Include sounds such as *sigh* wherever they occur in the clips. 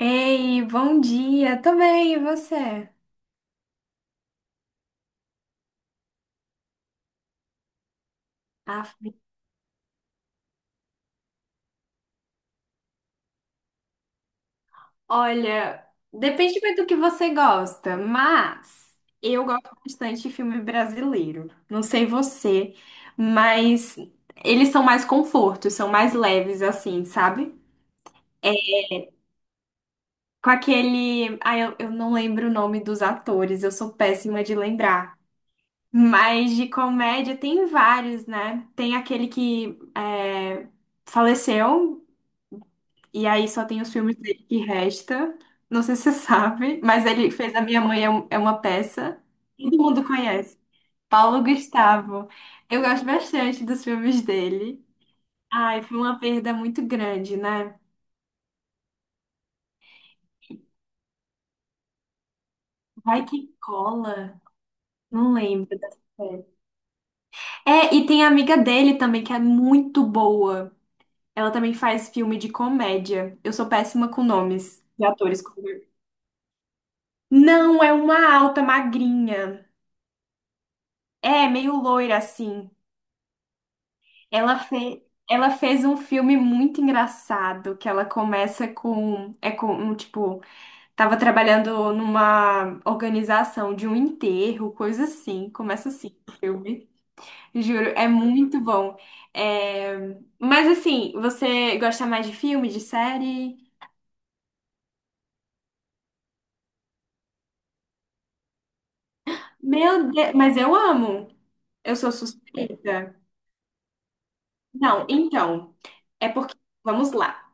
Ei, bom dia, tô bem, e você? Ah, olha, depende muito do que você gosta, mas eu gosto bastante de filme brasileiro. Não sei você, mas eles são mais confortos, são mais leves, assim, sabe? Com aquele. Ah, eu não lembro o nome dos atores, eu sou péssima de lembrar. Mas de comédia tem vários, né? Tem aquele que é, faleceu. E aí só tem os filmes dele que resta. Não sei se você *laughs* sabe, mas ele fez A Minha Mãe é é uma peça. Todo mundo conhece. Paulo Gustavo. Eu gosto bastante dos filmes dele. Ai, foi uma perda muito grande, né? Vai que cola. Não lembro. É, e tem a amiga dele também, que é muito boa. Ela também faz filme de comédia. Eu sou péssima com nomes de atores. Não, é uma alta, magrinha. É, meio loira assim. Ela fez, ela fez um filme muito engraçado, que ela começa com, é com, um, tipo, tava trabalhando numa organização de um enterro, coisa assim, começa assim o filme, juro, é muito bom. É, mas assim, você gosta mais de filme, de série? Meu Deus, mas eu amo, eu sou suspeita. Não, então, é porque, vamos lá.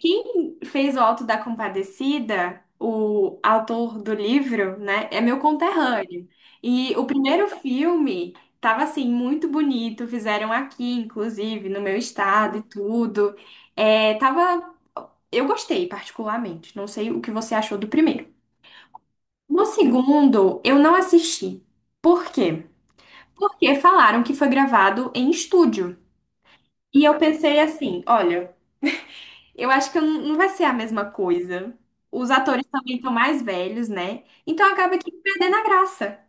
Quem fez o Alto da Compadecida, o autor do livro, né, é meu conterrâneo. E o primeiro filme tava assim muito bonito, fizeram aqui, inclusive, no meu estado e tudo. É, tava, eu gostei particularmente. Não sei o que você achou do primeiro. No segundo, eu não assisti. Por quê? Porque falaram que foi gravado em estúdio. E eu pensei assim, olha. Eu acho que eu não vai ser a mesma coisa. Os atores também estão mais velhos, né? Então acaba que perdendo a graça.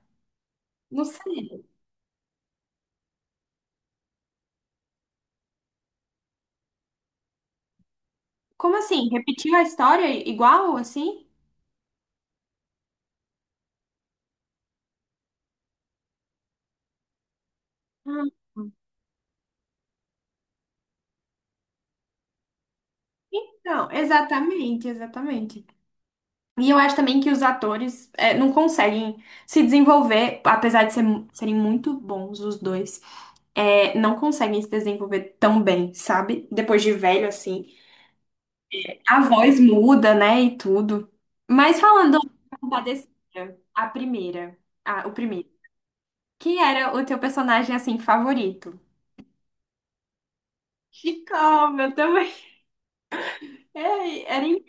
Não sei. Como assim? Repetiu a história igual assim? Ah. Então, exatamente, exatamente. E eu acho também que os atores é, não conseguem se desenvolver, apesar de serem muito bons os dois, é, não conseguem se desenvolver tão bem, sabe? Depois de velho, assim. A voz muda, né? E tudo. Mas falando Compadecida, a primeira, ah, o primeiro. Quem era o teu personagem, assim, favorito? Chicó, meu também. É, era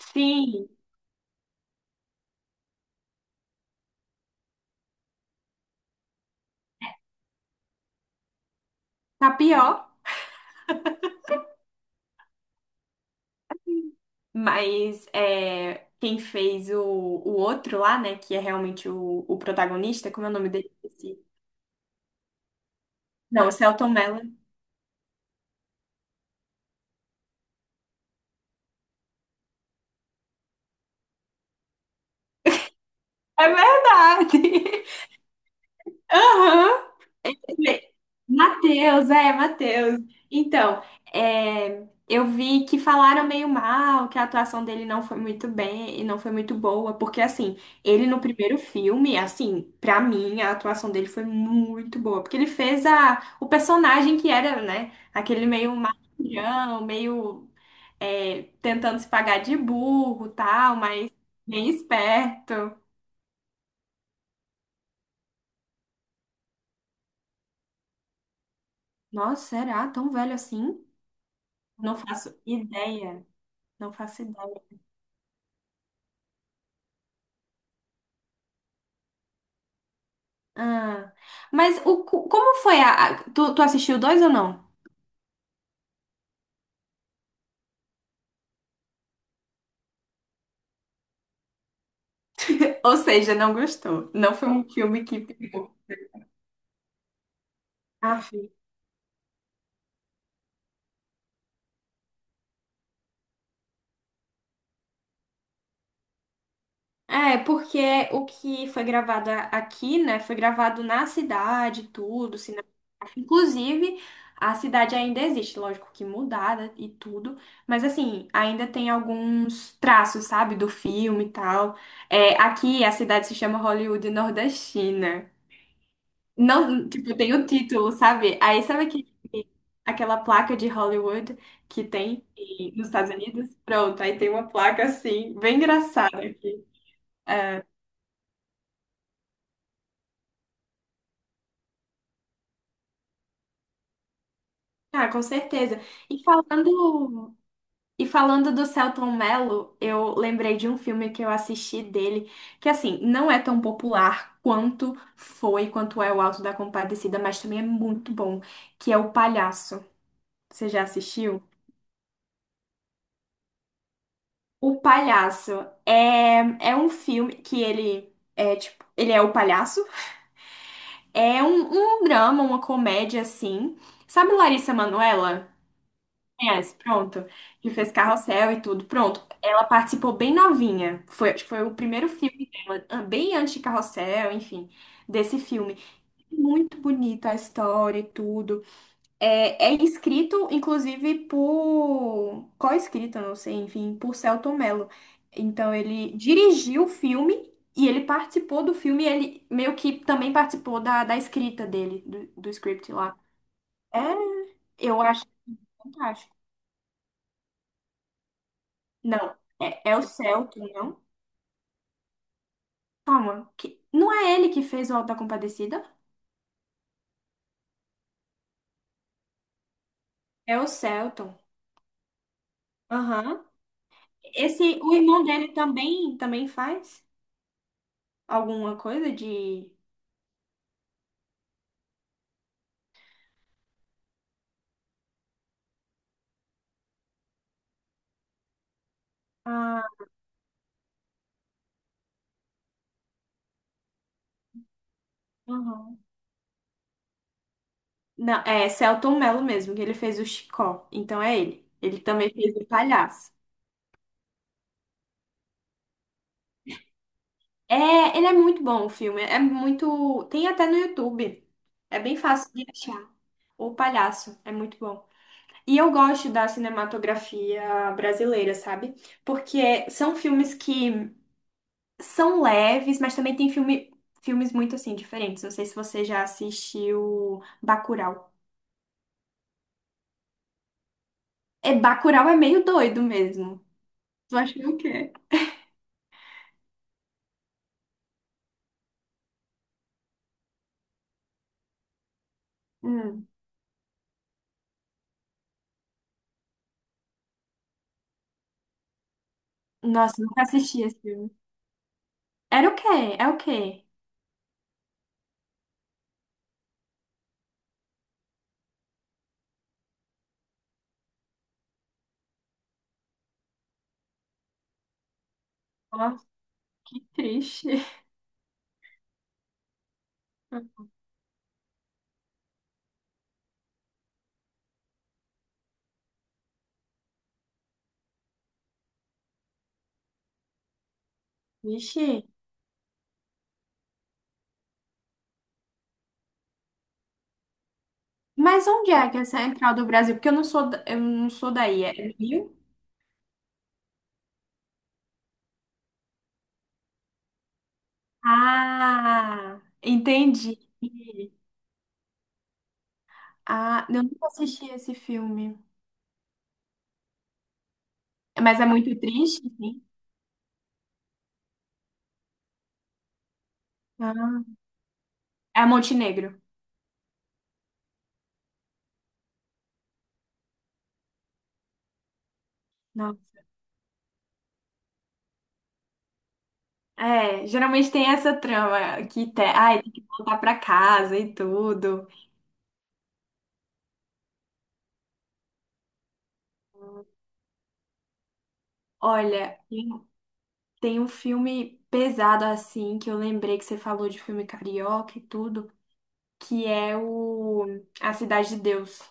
Sim, tá pior, mas é, quem fez o outro lá, né, que é realmente o protagonista, como é o nome dele? Esqueci. Não, o Selton Mello. É verdade. *laughs* Aham. Le- Matheus, é, Matheus. Então, é, eu vi que falaram meio mal, que a atuação dele não foi muito bem e não foi muito boa, porque assim, ele no primeiro filme, assim, pra mim, a atuação dele foi muito boa, porque ele fez a, o personagem que era, né, aquele meio malandrão, meio é, tentando se pagar de burro, tal, mas bem esperto. Nossa, será tão velho assim? Não faço ideia. Não faço. Ah, mas o, como foi a... Tu, tu assistiu dois ou não? *laughs* Ou seja, não gostou. Não foi um filme que pegou. Ah, sim. É, porque o que foi gravado aqui, né, foi gravado na cidade, tudo, cinematográfico. Inclusive, a cidade ainda existe, lógico que mudada e tudo, mas assim, ainda tem alguns traços, sabe, do filme e tal. É, aqui a cidade se chama Hollywood Nordestina. Não, tipo, tem o título, sabe? Aí sabe aquele, aquela placa de Hollywood que tem nos Estados Unidos? Pronto, aí tem uma placa assim, bem engraçada aqui. Ah, com certeza. E falando, e falando do Selton Mello, eu lembrei de um filme que eu assisti dele, que assim, não é tão popular quanto foi, quanto é o Alto da Compadecida, mas também é muito bom, que é O Palhaço. Você já assistiu? O Palhaço é, é um filme que ele é tipo, ele é o palhaço. É um, um drama, uma comédia assim. Sabe Larissa Manoela? Conhece, pronto. Que fez Carrossel e tudo. Pronto. Ela participou bem novinha. Foi, acho que foi o primeiro filme dela, ah, bem antes de Carrossel, enfim, desse filme. Muito bonita a história e tudo. É, é escrito, inclusive, por... Co-escrito, não sei, enfim, por Selton Mello. Então, ele dirigiu o filme e ele participou do filme. E ele meio que também participou da, da escrita dele, do, do script lá. É, eu acho fantástico. Não, é, é o Selton, não? Calma, que... não é ele que fez o Auto da Compadecida? É o Selton. Aham. Esse, o irmão dele também, também faz alguma coisa de... Ah, aham. Não, é Selton Mello mesmo, que ele fez o Chicó. Então é ele. Ele também fez o Palhaço. É, ele é muito bom o filme. É muito. Tem até no YouTube. É bem fácil de achar. O Palhaço é muito bom. E eu gosto da cinematografia brasileira, sabe? Porque são filmes que são leves, mas também tem filme, filmes muito assim diferentes. Não sei se você já assistiu Bacurau. É, Bacurau é meio doido mesmo. Tu acha que é o quê? Hum. Nossa, nunca assisti esse filme. Era o quê? É o quê? Nossa, que triste. Vixe. Mas onde é que é a central do Brasil? Porque eu não sou, eu não sou daí. É do Rio? Ah, entendi. Ah, eu nunca assisti esse filme. Mas é muito triste, sim. Ah, é Montenegro. Não. É, geralmente tem essa trama que te, ai, tem que voltar pra casa e tudo. Olha, tem um filme pesado assim, que eu lembrei que você falou de filme carioca e tudo, que é o A Cidade de Deus.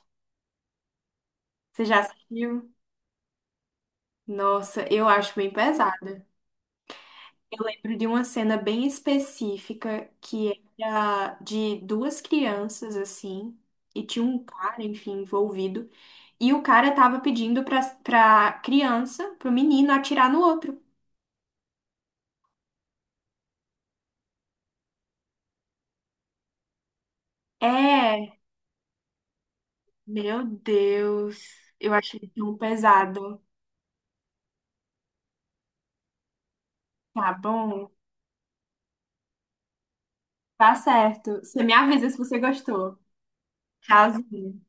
Você já assistiu? Nossa, eu acho bem pesada. Eu lembro de uma cena bem específica que era de duas crianças assim, e tinha um cara, enfim, envolvido, e o cara tava pedindo pra criança, pro menino atirar no outro. É, meu Deus, eu achei tão pesado. Tá bom. Tá certo. Você me avisa se você gostou. Tchauzinho.